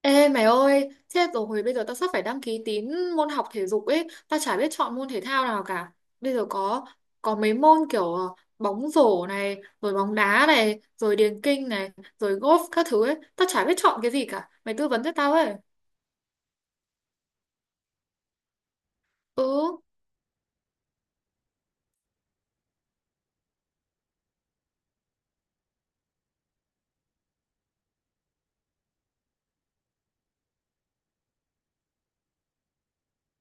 Ê mày ơi, chết rồi, bây giờ tao sắp phải đăng ký tín môn học thể dục ấy, tao chả biết chọn môn thể thao nào cả. Bây giờ có mấy môn kiểu bóng rổ này, rồi bóng đá này, rồi điền kinh này, rồi golf các thứ ấy, tao chả biết chọn cái gì cả. Mày tư vấn cho tao ấy. Ừ.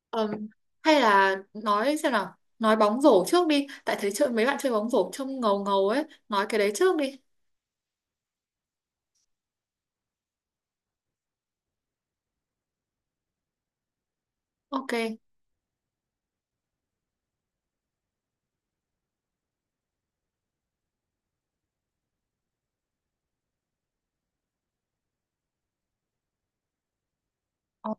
ừm, Hay là nói xem nào, nói bóng rổ trước đi, tại thấy chơi mấy bạn chơi bóng rổ trông ngầu ngầu ấy, nói cái đấy trước đi. Ok. Ồ.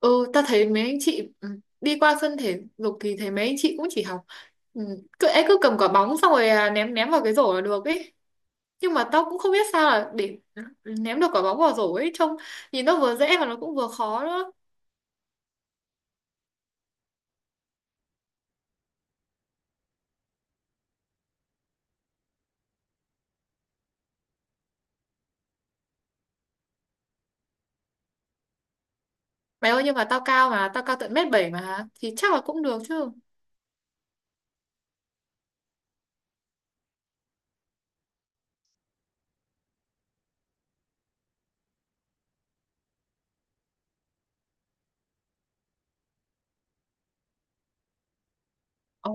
Ừ, ta thấy mấy anh chị đi qua sân thể dục thì thấy mấy anh chị cũng chỉ học ừ, cứ cầm quả bóng xong rồi ném ném vào cái rổ là được ấy, nhưng mà tao cũng không biết sao là để ném được quả bóng vào rổ ấy, trông nhìn nó vừa dễ mà nó cũng vừa khó nữa. Mày ơi, nhưng mà tao cao tận mét bảy mà thì chắc là cũng được chứ. Ồ.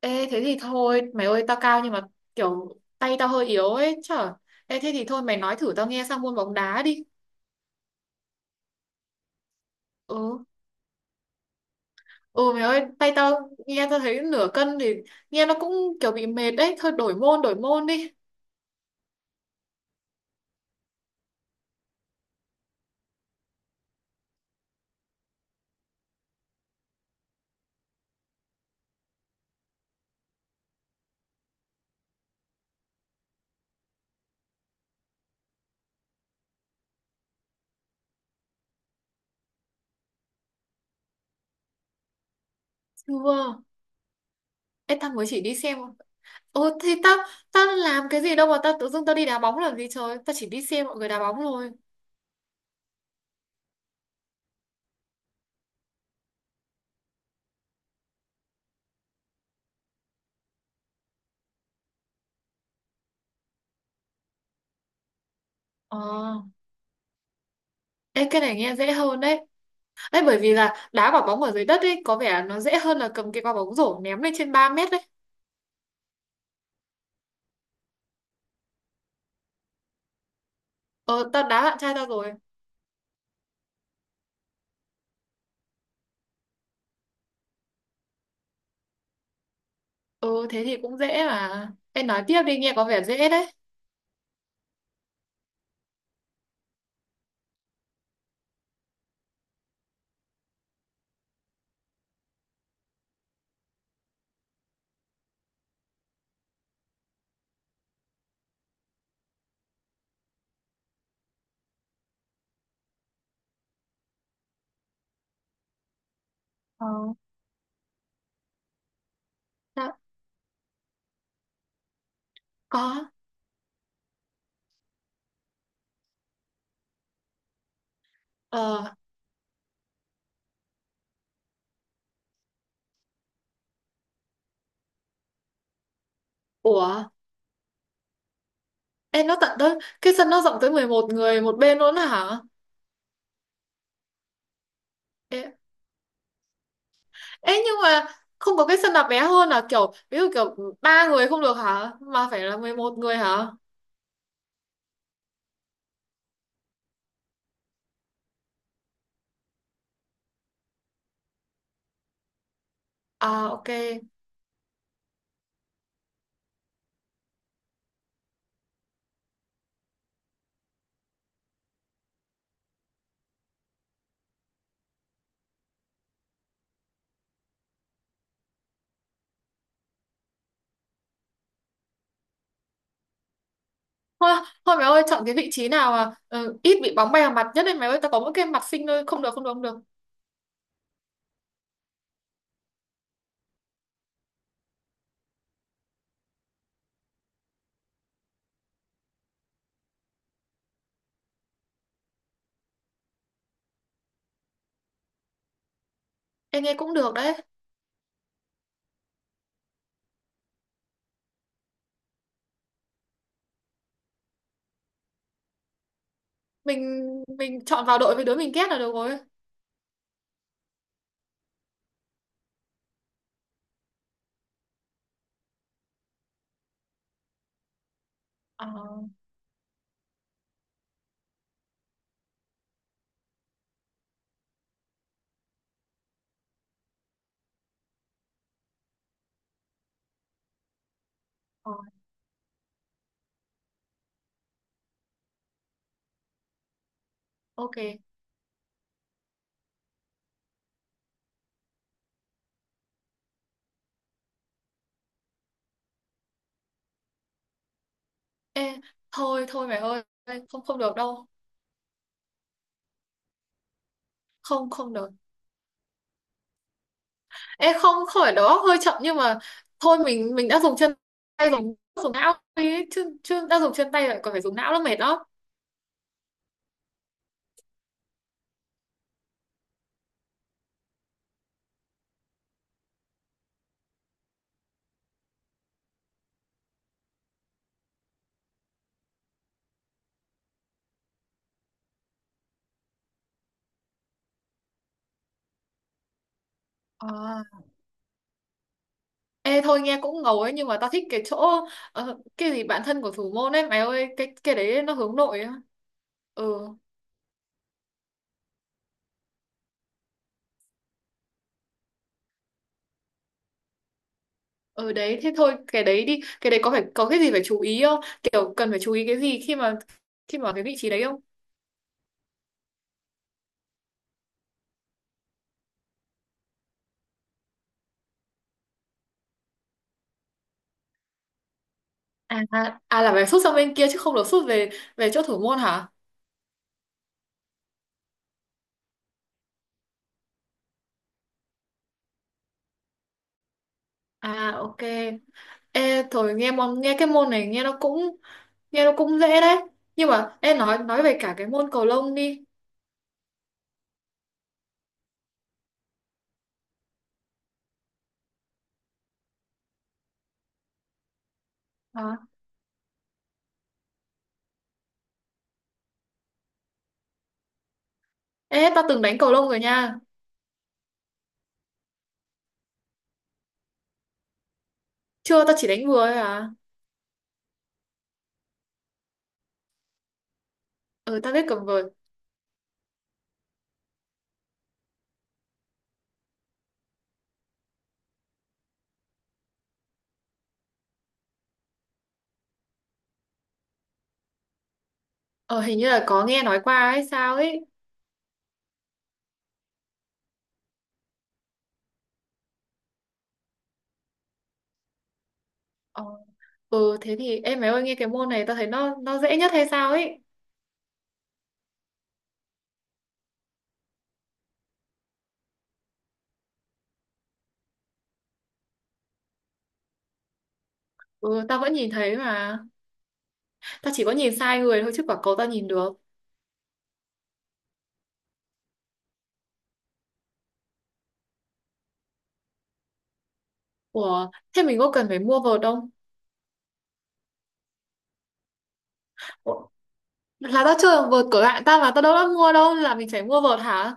Ê thế thì thôi mày ơi, tao cao nhưng mà kiểu tay tao hơi yếu ấy chở. Ê thế thì thôi mày nói thử tao nghe sang môn bóng đá đi. Ừ. Ừ mày ơi, tay tao nghe tao thấy nửa cân thì nghe nó cũng kiểu bị mệt đấy, thôi đổi môn đi. Chưa. Ê tao mới chỉ đi xem. Ồ thì tao tao làm cái gì đâu mà tao tự dưng tao đi đá bóng làm gì trời, tao chỉ đi xem mọi người đá bóng thôi. Ờ. Ê cái này nghe dễ hơn đấy. Ê bởi vì là đá quả bóng ở dưới đất ấy có vẻ nó dễ hơn là cầm cái quả bóng rổ ném lên trên 3 mét đấy. Ờ, tao đá bạn trai tao rồi. Ừ thế thì cũng dễ mà. Em nói tiếp đi, nghe có vẻ dễ đấy. Ờ. Tao có. Ờ. Ủa? Ê, nó tận tới cái sân nó rộng tới 11 người một bên luôn đó hả? Ê, ê, nhưng mà không có cái sân nào bé hơn, là kiểu ví dụ kiểu 3 người không được hả? Mà phải là 11 người hả? À ok. Thôi, thôi mày ơi, chọn cái vị trí nào mà ừ, ít bị bóng bay vào mặt nhất đấy mày ơi, tao có mỗi cái mặt xinh thôi, không được, không được, không được. Em nghe cũng được đấy. Mình mình chọn vào đội với đứa mình ghét là được rồi. À, rồi, ok. Ê, thôi thôi mày ơi, không không được đâu. Không, không được. Ê không, không phải đầu óc hơi chậm nhưng mà thôi, mình đã dùng chân tay, dùng dùng não đi, chứ chứ đã dùng chân tay lại còn phải dùng não nó mệt đó. Ờ. Ê thôi nghe cũng ngầu ấy, nhưng mà tao thích cái chỗ cái gì bạn thân của thủ môn ấy mày ơi, cái đấy nó hướng nội á. Ừ, ừ đấy thế thôi cái đấy đi, cái đấy có phải có cái gì phải chú ý không, kiểu cần phải chú ý cái gì khi mà cái vị trí đấy không? À, à, là phải sút sang bên kia chứ không được sút về về chỗ thủ môn hả? À ok. Ê, thôi nghe cái môn này nghe nó cũng dễ đấy, nhưng mà ê nói về cả cái môn cầu lông đi. À. Ê tao từng đánh cầu lông rồi nha. Chưa, tao chỉ đánh vừa thôi à. Ừ, tao biết cầm vợt. Ờ, hình như là có nghe nói qua hay sao ấy. Ờ. Ừ thế thì em mày ơi, nghe cái môn này tao thấy nó dễ nhất hay sao ấy. Ừ tao vẫn nhìn thấy mà. Tao chỉ có nhìn sai người thôi chứ quả cầu tao nhìn được. Ủa thế mình có cần phải mua vợt không? Ủa, là tao chưa, vợt của bạn tao mà tao đâu đã mua đâu, là mình phải mua vợt hả?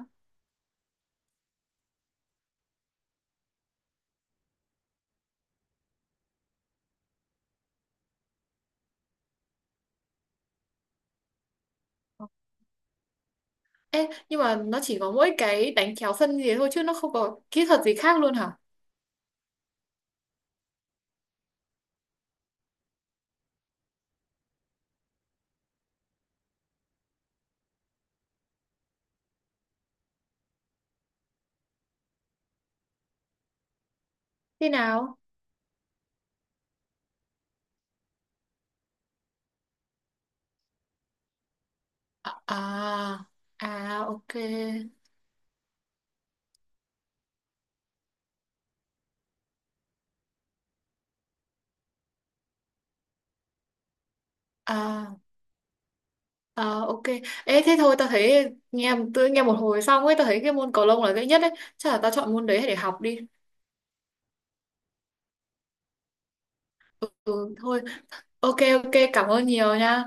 Ê, nhưng mà nó chỉ có mỗi cái đánh kéo phân gì thôi chứ nó không có kỹ thuật gì khác luôn hả? Thế nào? À, à ok. À, à ok. Ê thế thôi, tao thấy nghe một hồi xong ấy tao thấy cái môn cầu lông là dễ nhất đấy. Chắc là tao chọn môn đấy để học đi. Ừ thôi. Ok, ok cảm ơn nhiều nha.